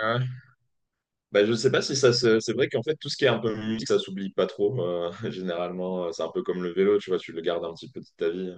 Ah ouais. Je sais pas si ça se... C'est vrai qu'en fait, tout ce qui est un peu musique, ça s'oublie pas trop. Généralement, c'est un peu comme le vélo, tu vois, tu le gardes un petit peu de ta vie.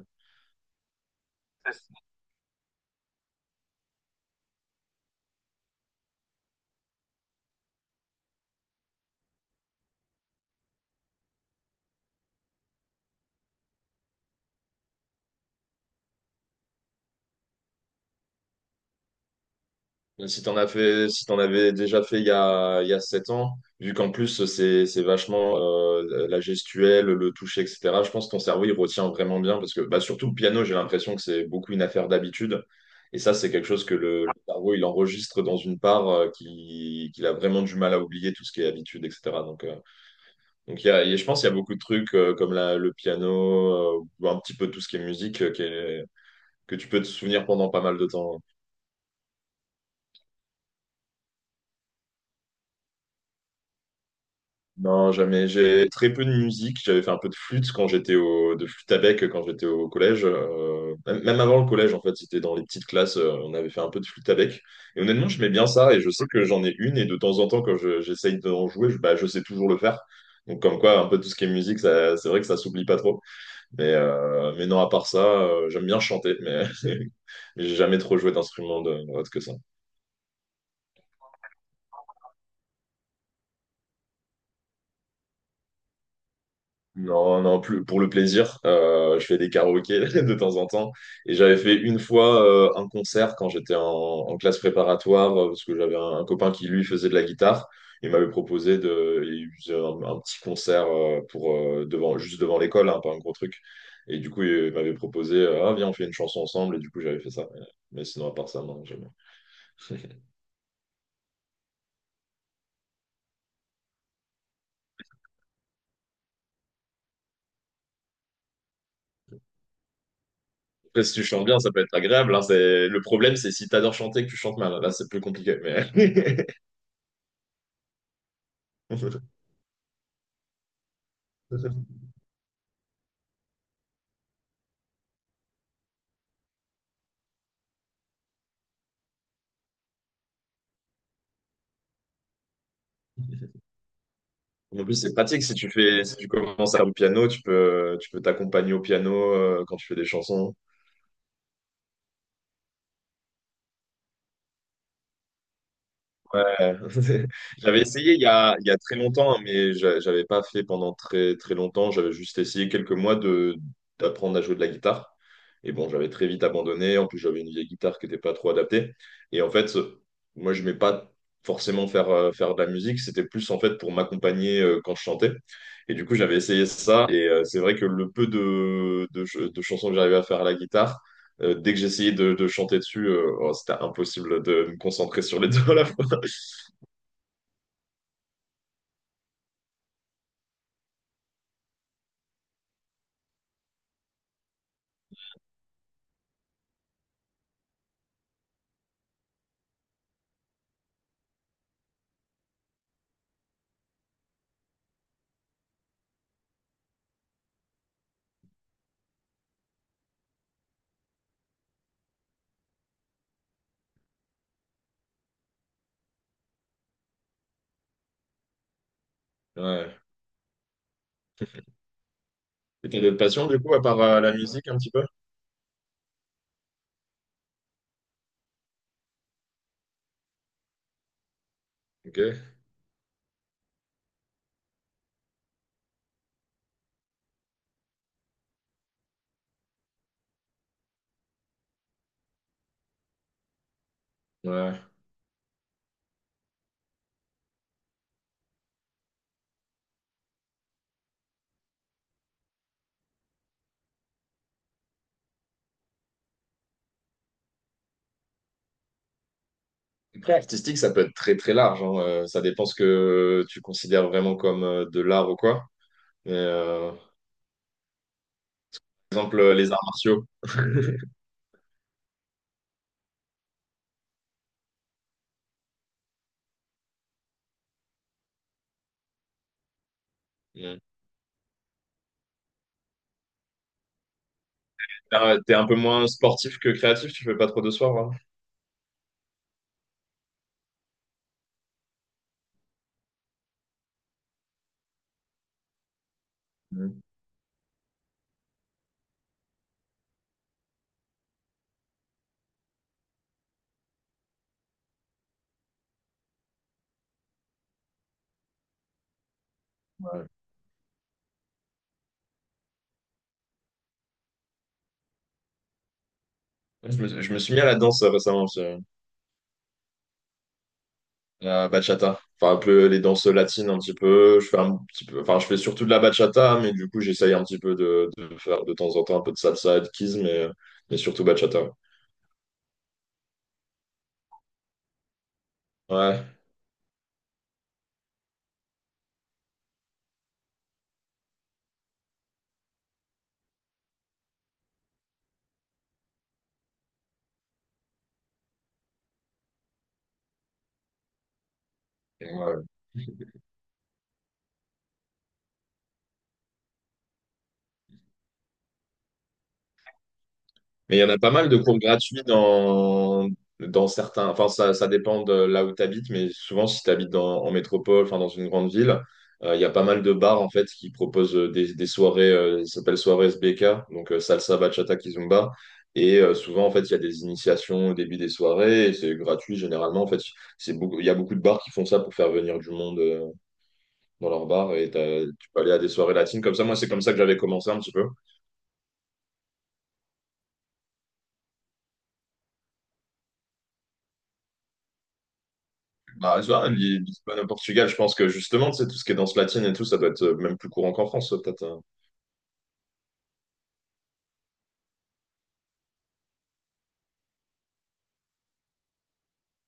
Mais si t'en as fait... si t'en avais déjà fait il y a 7 ans, vu qu'en plus, c'est vachement la gestuelle, le toucher, etc., je pense que ton cerveau, il retient vraiment bien. Parce que, surtout le piano, j'ai l'impression que c'est beaucoup une affaire d'habitude. Et ça, c'est quelque chose que le cerveau, il enregistre dans une part qui... qu'il a vraiment du mal à oublier, tout ce qui est habitude, etc. Donc, je pense qu'il y a beaucoup de trucs comme le piano, ou un petit peu tout ce qui est musique, que tu peux te souvenir pendant pas mal de temps. Non, jamais. J'ai très peu de musique. J'avais fait un peu de flûte de flûte à bec quand j'étais au collège. Même avant le collège, en fait, c'était dans les petites classes. On avait fait un peu de flûte à bec. Et honnêtement, j'aimais bien ça. Et je sais que j'en ai une. Et de temps en temps, j'essaye d'en jouer, je sais toujours le faire. Donc, comme quoi, un peu tout ce qui est musique, ça, c'est vrai que ça s'oublie pas trop. Mais non, à part ça, j'aime bien chanter, mais j'ai jamais trop joué d'instrument autre que ça. Non, non, plus, pour le plaisir. Je fais des karaokés de temps en temps. Et j'avais fait une fois un concert quand j'étais en classe préparatoire, parce que j'avais un copain qui, lui, faisait de la guitare. Il m'avait proposé il faisait un petit concert devant, juste devant l'école, hein, pas un gros truc. Et du coup, il m'avait proposé, ah, viens, on fait une chanson ensemble. Et du coup, j'avais fait ça. Mais sinon, à part ça, non, j'aime... Après, si tu chantes bien, ça peut être agréable, hein. C'est... Le problème, c'est si t'adores chanter que tu chantes mal. Là, c'est plus compliqué. Mais... En plus, c'est pratique. Si tu commences à faire du piano, tu peux t'accompagner au piano quand tu fais des chansons. Ouais. J'avais essayé il y a très longtemps, hein, mais j'avais pas fait pendant très très longtemps. J'avais juste essayé quelques mois de d'apprendre à jouer de la guitare. Et bon, j'avais très vite abandonné. En plus, j'avais une vieille guitare qui n'était pas trop adaptée. Et en fait, moi, je ne vais pas forcément faire, faire de la musique. C'était plus en fait pour m'accompagner quand je chantais. Et du coup, j'avais essayé ça. Et c'est vrai que le peu de chansons que j'arrivais à faire à la guitare, dès que j'essayais de chanter dessus, oh, c'était impossible de me concentrer sur les deux. Ouais. Et t'as d'autres passions, du coup, à part la musique, un petit peu? Ok. Ouais. Après, artistique, ça peut être très très large, hein. Ça dépend ce que tu considères vraiment comme de l'art ou quoi. Mais, euh, par exemple, les arts martiaux. Mm. T'es un peu moins sportif que créatif, tu fais pas trop de soir, vraiment. Mm. Ouais. Je me suis mis à la danse récemment, aussi. La bachata. Enfin, un peu les danses latines, un petit peu. Je fais un petit peu, enfin, je fais surtout de la bachata, mais du coup, j'essaye un petit peu de faire de temps en temps un peu de salsa et de kizomba, mais surtout bachata. Ouais, ouais. Mais il y en a pas mal de cours gratuits dans certains. Enfin, ça dépend de là où tu habites, mais souvent, si tu habites en métropole, enfin, dans une grande ville, il y a pas mal de bars en fait qui proposent des soirées, ça s'appelle soirée SBK, salsa, bachata, kizomba. Et souvent, en fait, il y a des initiations au début des soirées et c'est gratuit généralement. En fait, c'est beaucoup, il y a beaucoup de bars qui font ça pour faire venir du monde dans leur bar, et tu peux aller à des soirées latines comme ça. Moi, c'est comme ça que j'avais commencé un petit peu. Tu vois, Lisbonne au Portugal, je pense que justement, tu sais, tout ce qui est danse latine et tout, ça doit être même plus courant qu'en France, peut-être.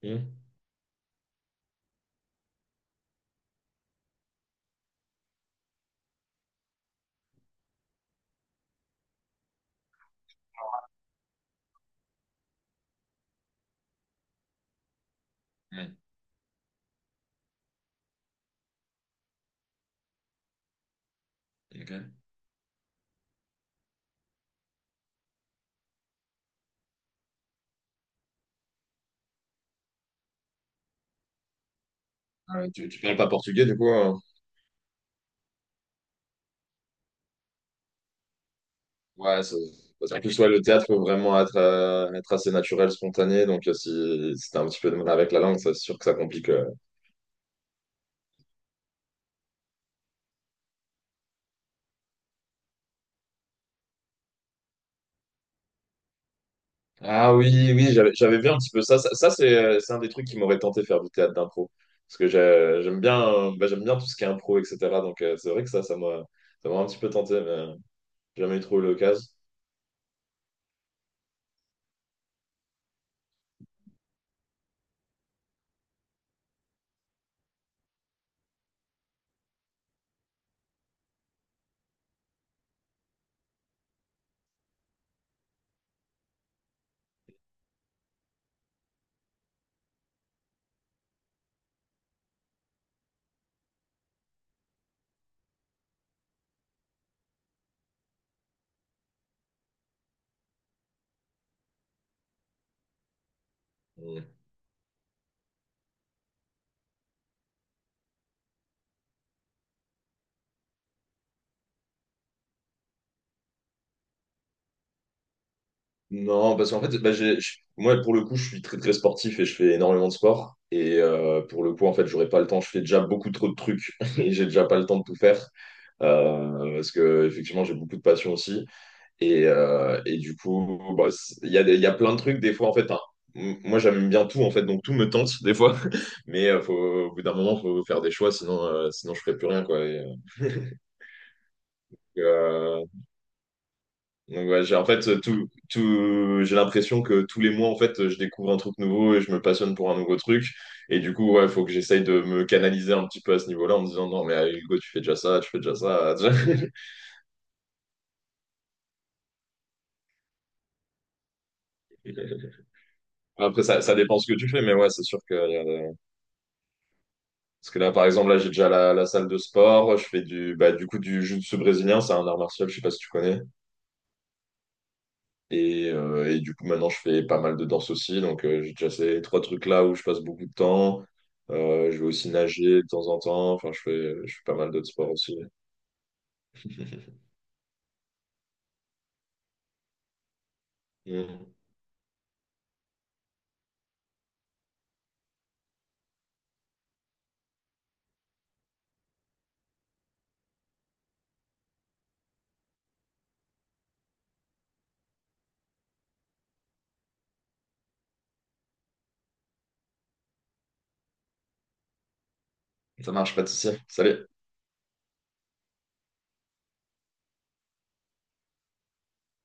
Mhm. Mhm. Ok. Ah ouais, tu parles pas portugais, du coup. Ouais. Parce qu'en plus, ouais, le théâtre peut vraiment être, être assez naturel, spontané. Donc, si t'as un petit peu de mal avec la langue, c'est sûr que ça complique. Ah oui, oui, j'avais vu un petit peu ça. C'est un des trucs qui m'aurait tenté faire du théâtre d'impro. Parce que j'aime bien, j'aime bien tout ce qui est impro, etc. Donc, c'est vrai que ça m'a un petit peu tenté, mais j'ai jamais eu trop eu l'occasion. Non, parce qu'en fait, moi, pour le coup, je suis très très sportif et je fais énormément de sport. Et pour le coup, en fait, j'aurais pas le temps. Je fais déjà beaucoup trop de trucs et j'ai déjà pas le temps de tout faire. Parce que effectivement, j'ai beaucoup de passion aussi. Et du coup, il y a, il y a plein de trucs. Des fois, en fait, hein, moi, j'aime bien tout, en fait, donc tout me tente des fois. Mais au bout d'un moment, faut faire des choix, sinon, sinon je ferai plus rien, quoi. Euh, Donc ouais, j'ai en fait tout, j'ai l'impression que tous les mois en fait je découvre un truc nouveau et je me passionne pour un nouveau truc, et du coup ouais faut que j'essaye de me canaliser un petit peu à ce niveau-là en me disant non mais allez, Hugo, tu fais déjà ça, tu fais déjà ça. Après ça, ça dépend ce que tu fais, mais ouais c'est sûr que parce que là par exemple là j'ai déjà la salle de sport, je fais du bah du coup du jiu-jitsu brésilien, c'est un art martial, je sais pas si tu connais. Et du coup, maintenant, je fais pas mal de danse aussi. Donc, j'ai déjà ces 3 trucs-là où je passe beaucoup de temps. Je vais aussi nager de temps en temps. Enfin, je fais pas mal d'autres sports aussi. Mm. Ça marche, pas de souci. Salut.